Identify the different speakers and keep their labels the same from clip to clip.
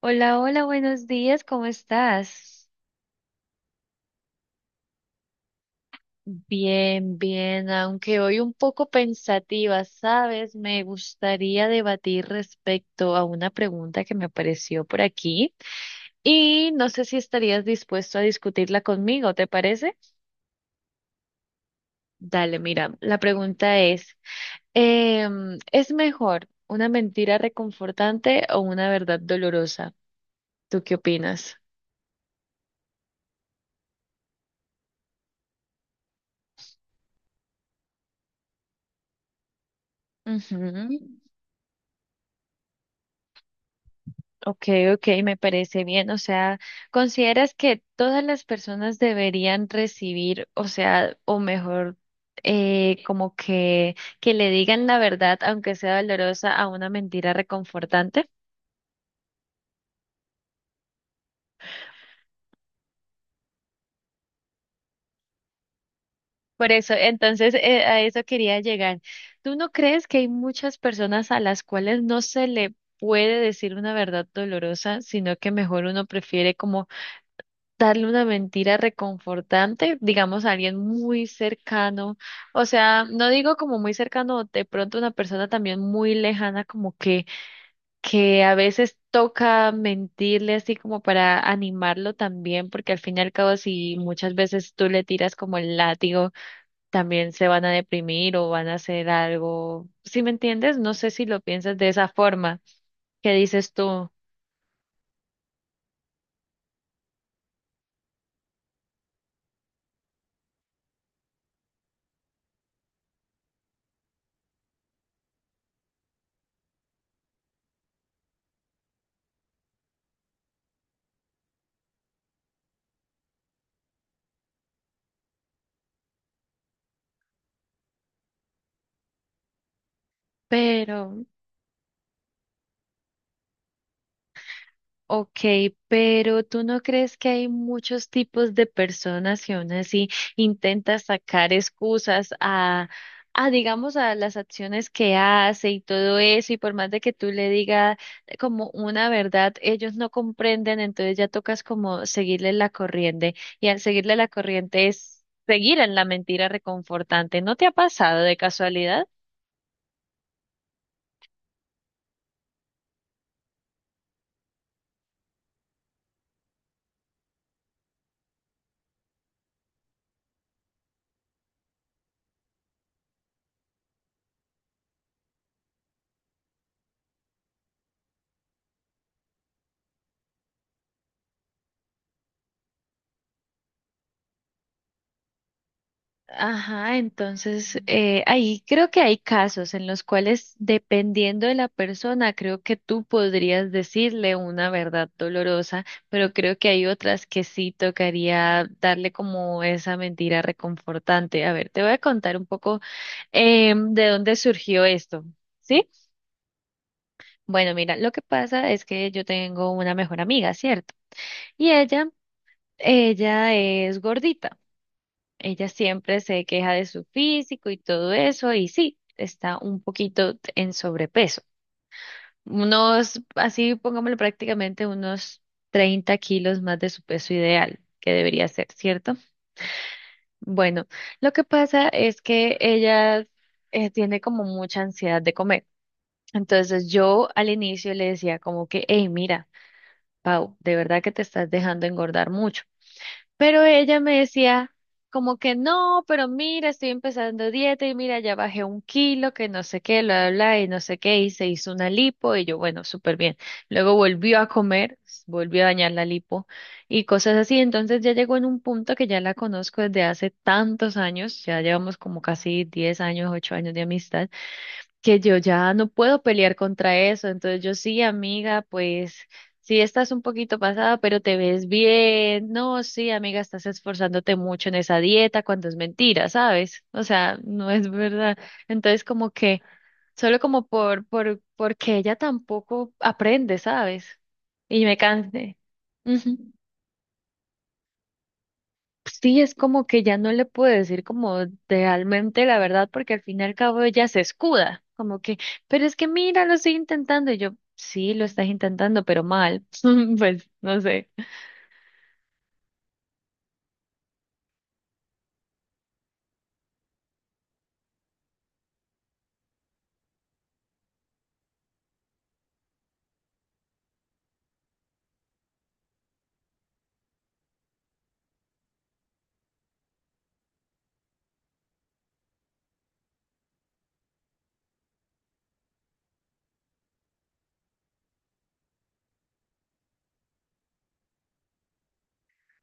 Speaker 1: Hola, hola, buenos días, ¿cómo estás? Bien, bien, aunque hoy un poco pensativa, ¿sabes? Me gustaría debatir respecto a una pregunta que me apareció por aquí y no sé si estarías dispuesto a discutirla conmigo, ¿te parece? Dale, mira, la pregunta es, ¿es mejor una mentira reconfortante o una verdad dolorosa? ¿Tú qué opinas? Ujú. Ok, ok, me parece bien. O sea, ¿consideras que todas las personas deberían recibir, o sea, o mejor, como que le digan la verdad, aunque sea dolorosa, a una mentira reconfortante? Por eso, entonces, a eso quería llegar. ¿Tú no crees que hay muchas personas a las cuales no se le puede decir una verdad dolorosa, sino que mejor uno prefiere como darle una mentira reconfortante, digamos a alguien muy cercano, o sea, no digo como muy cercano, de pronto una persona también muy lejana, como que a veces toca mentirle así como para animarlo también, porque al fin y al cabo si muchas veces tú le tiras como el látigo, también se van a deprimir o van a hacer algo, ¿si me entiendes? No sé si lo piensas de esa forma, ¿qué dices tú? Pero ok, pero ¿tú no crees que hay muchos tipos de personas que aún así intentan sacar excusas a digamos, a las acciones que hace y todo eso? Y por más de que tú le digas como una verdad, ellos no comprenden, entonces ya tocas como seguirle la corriente. Y al seguirle la corriente es seguir en la mentira reconfortante. ¿No te ha pasado de casualidad? Ajá, entonces ahí creo que hay casos en los cuales, dependiendo de la persona, creo que tú podrías decirle una verdad dolorosa, pero creo que hay otras que sí tocaría darle como esa mentira reconfortante. A ver, te voy a contar un poco de dónde surgió esto, ¿sí? Bueno, mira, lo que pasa es que yo tengo una mejor amiga, ¿cierto? Y ella es gordita. Ella siempre se queja de su físico y todo eso, y sí, está un poquito en sobrepeso. Unos, así pongámoslo prácticamente, unos 30 kilos más de su peso ideal, que debería ser, ¿cierto? Bueno, lo que pasa es que ella tiene como mucha ansiedad de comer. Entonces yo al inicio le decía como que, hey, mira, Pau, de verdad que te estás dejando engordar mucho. Pero ella me decía como que no, pero mira, estoy empezando dieta y mira, ya bajé 1 kilo, que no sé qué, bla, bla, bla, y no sé qué, y se hizo una lipo y yo, bueno, súper bien. Luego volvió a comer, volvió a dañar la lipo y cosas así. Entonces ya llegó en un punto que ya la conozco desde hace tantos años, ya llevamos como casi 10 años, 8 años de amistad que yo ya no puedo pelear contra eso. Entonces yo sí, amiga, pues sí estás un poquito pasada, pero te ves bien. No, sí, amiga, estás esforzándote mucho en esa dieta cuando es mentira, ¿sabes? O sea, no es verdad. Entonces como que solo como porque ella tampoco aprende, ¿sabes? Y me cansé. Ujú. Sí, es como que ya no le puedo decir como realmente la verdad, porque al fin y al cabo ella se escuda, como que, pero es que mira, lo estoy intentando, y yo, sí, lo estás intentando, pero mal, pues no sé.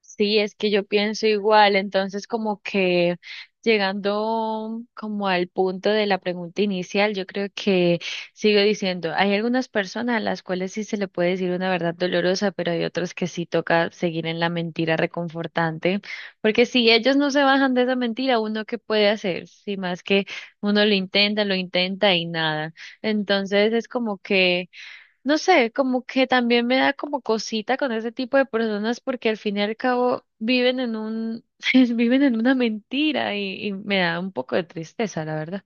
Speaker 1: Sí, es que yo pienso igual, entonces como que llegando como al punto de la pregunta inicial, yo creo que sigo diciendo, hay algunas personas a las cuales sí se le puede decir una verdad dolorosa, pero hay otras que sí toca seguir en la mentira reconfortante, porque si ellos no se bajan de esa mentira, ¿uno qué puede hacer? Si más que uno lo intenta y nada. Entonces es como que... No sé, como que también me da como cosita con ese tipo de personas porque al fin y al cabo viven en un, viven en una mentira y me da un poco de tristeza, la verdad.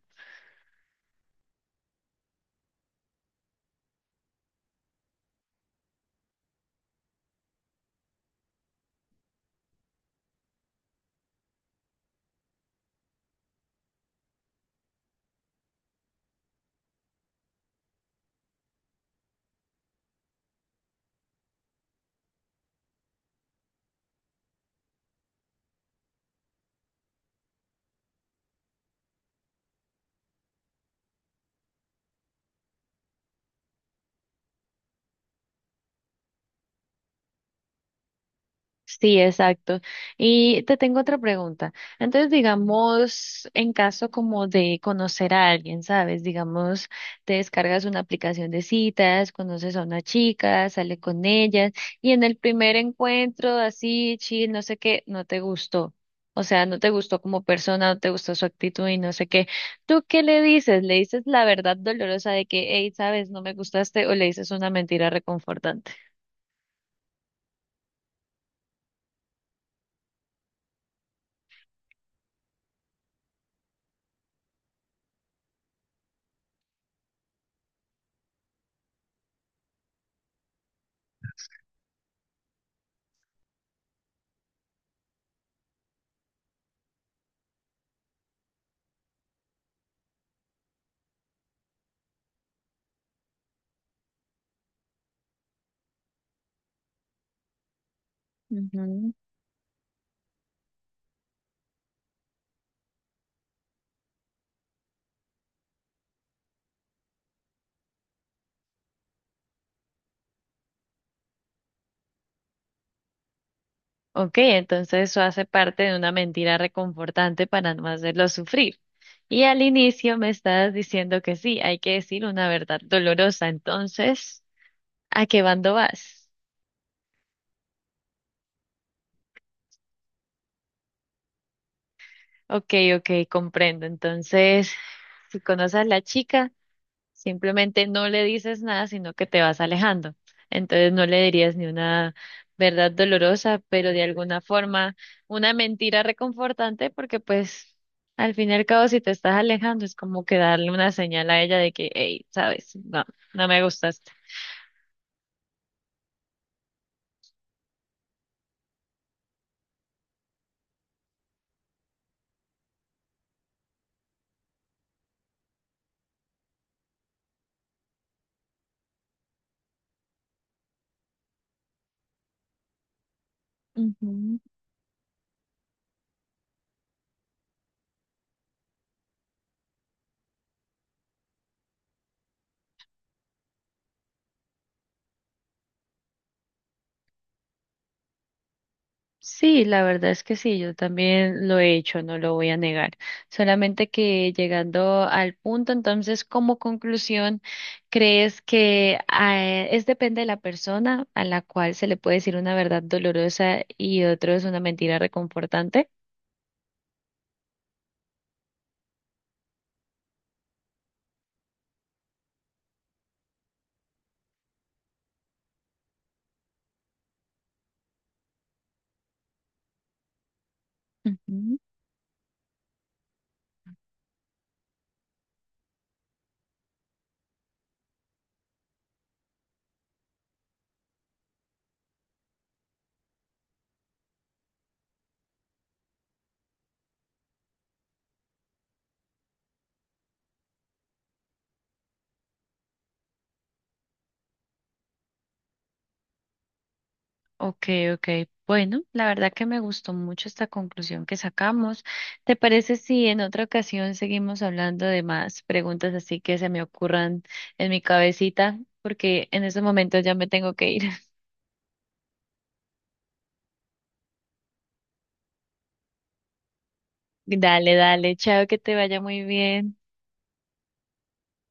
Speaker 1: Sí, exacto. Y te tengo otra pregunta. Entonces, digamos, en caso como de conocer a alguien, ¿sabes? Digamos, te descargas una aplicación de citas, conoces a una chica, sale con ella, y en el primer encuentro, así, chill, no sé qué, no te gustó. O sea, no te gustó como persona, no te gustó su actitud y no sé qué. ¿Tú qué le dices? ¿Le dices la verdad dolorosa de que, hey, sabes, no me gustaste, o le dices una mentira reconfortante? Ok, entonces eso hace parte de una mentira reconfortante para no hacerlo sufrir. Y al inicio me estabas diciendo que sí, hay que decir una verdad dolorosa. Entonces, ¿a qué bando vas? Ok, ok, comprendo. Entonces, si conoces a la chica, simplemente no le dices nada, sino que te vas alejando. Entonces no le dirías ni una verdad dolorosa, pero de alguna forma una mentira reconfortante, porque pues al fin y al cabo si te estás alejando es como que darle una señal a ella de que, hey, sabes, no, no me gustaste. Ujú. Sí, la verdad es que sí, yo también lo he hecho, no lo voy a negar. Solamente que llegando al punto, entonces, como conclusión, ¿crees que es depende de la persona a la cual se le puede decir una verdad dolorosa y otro es una mentira reconfortante? Ujú. Ok, ok. Bueno, la verdad que me gustó mucho esta conclusión que sacamos. ¿Te parece si en otra ocasión seguimos hablando de más preguntas así que se me ocurran en mi cabecita? Porque en ese momento ya me tengo que ir. Dale, dale, chao, que te vaya muy bien.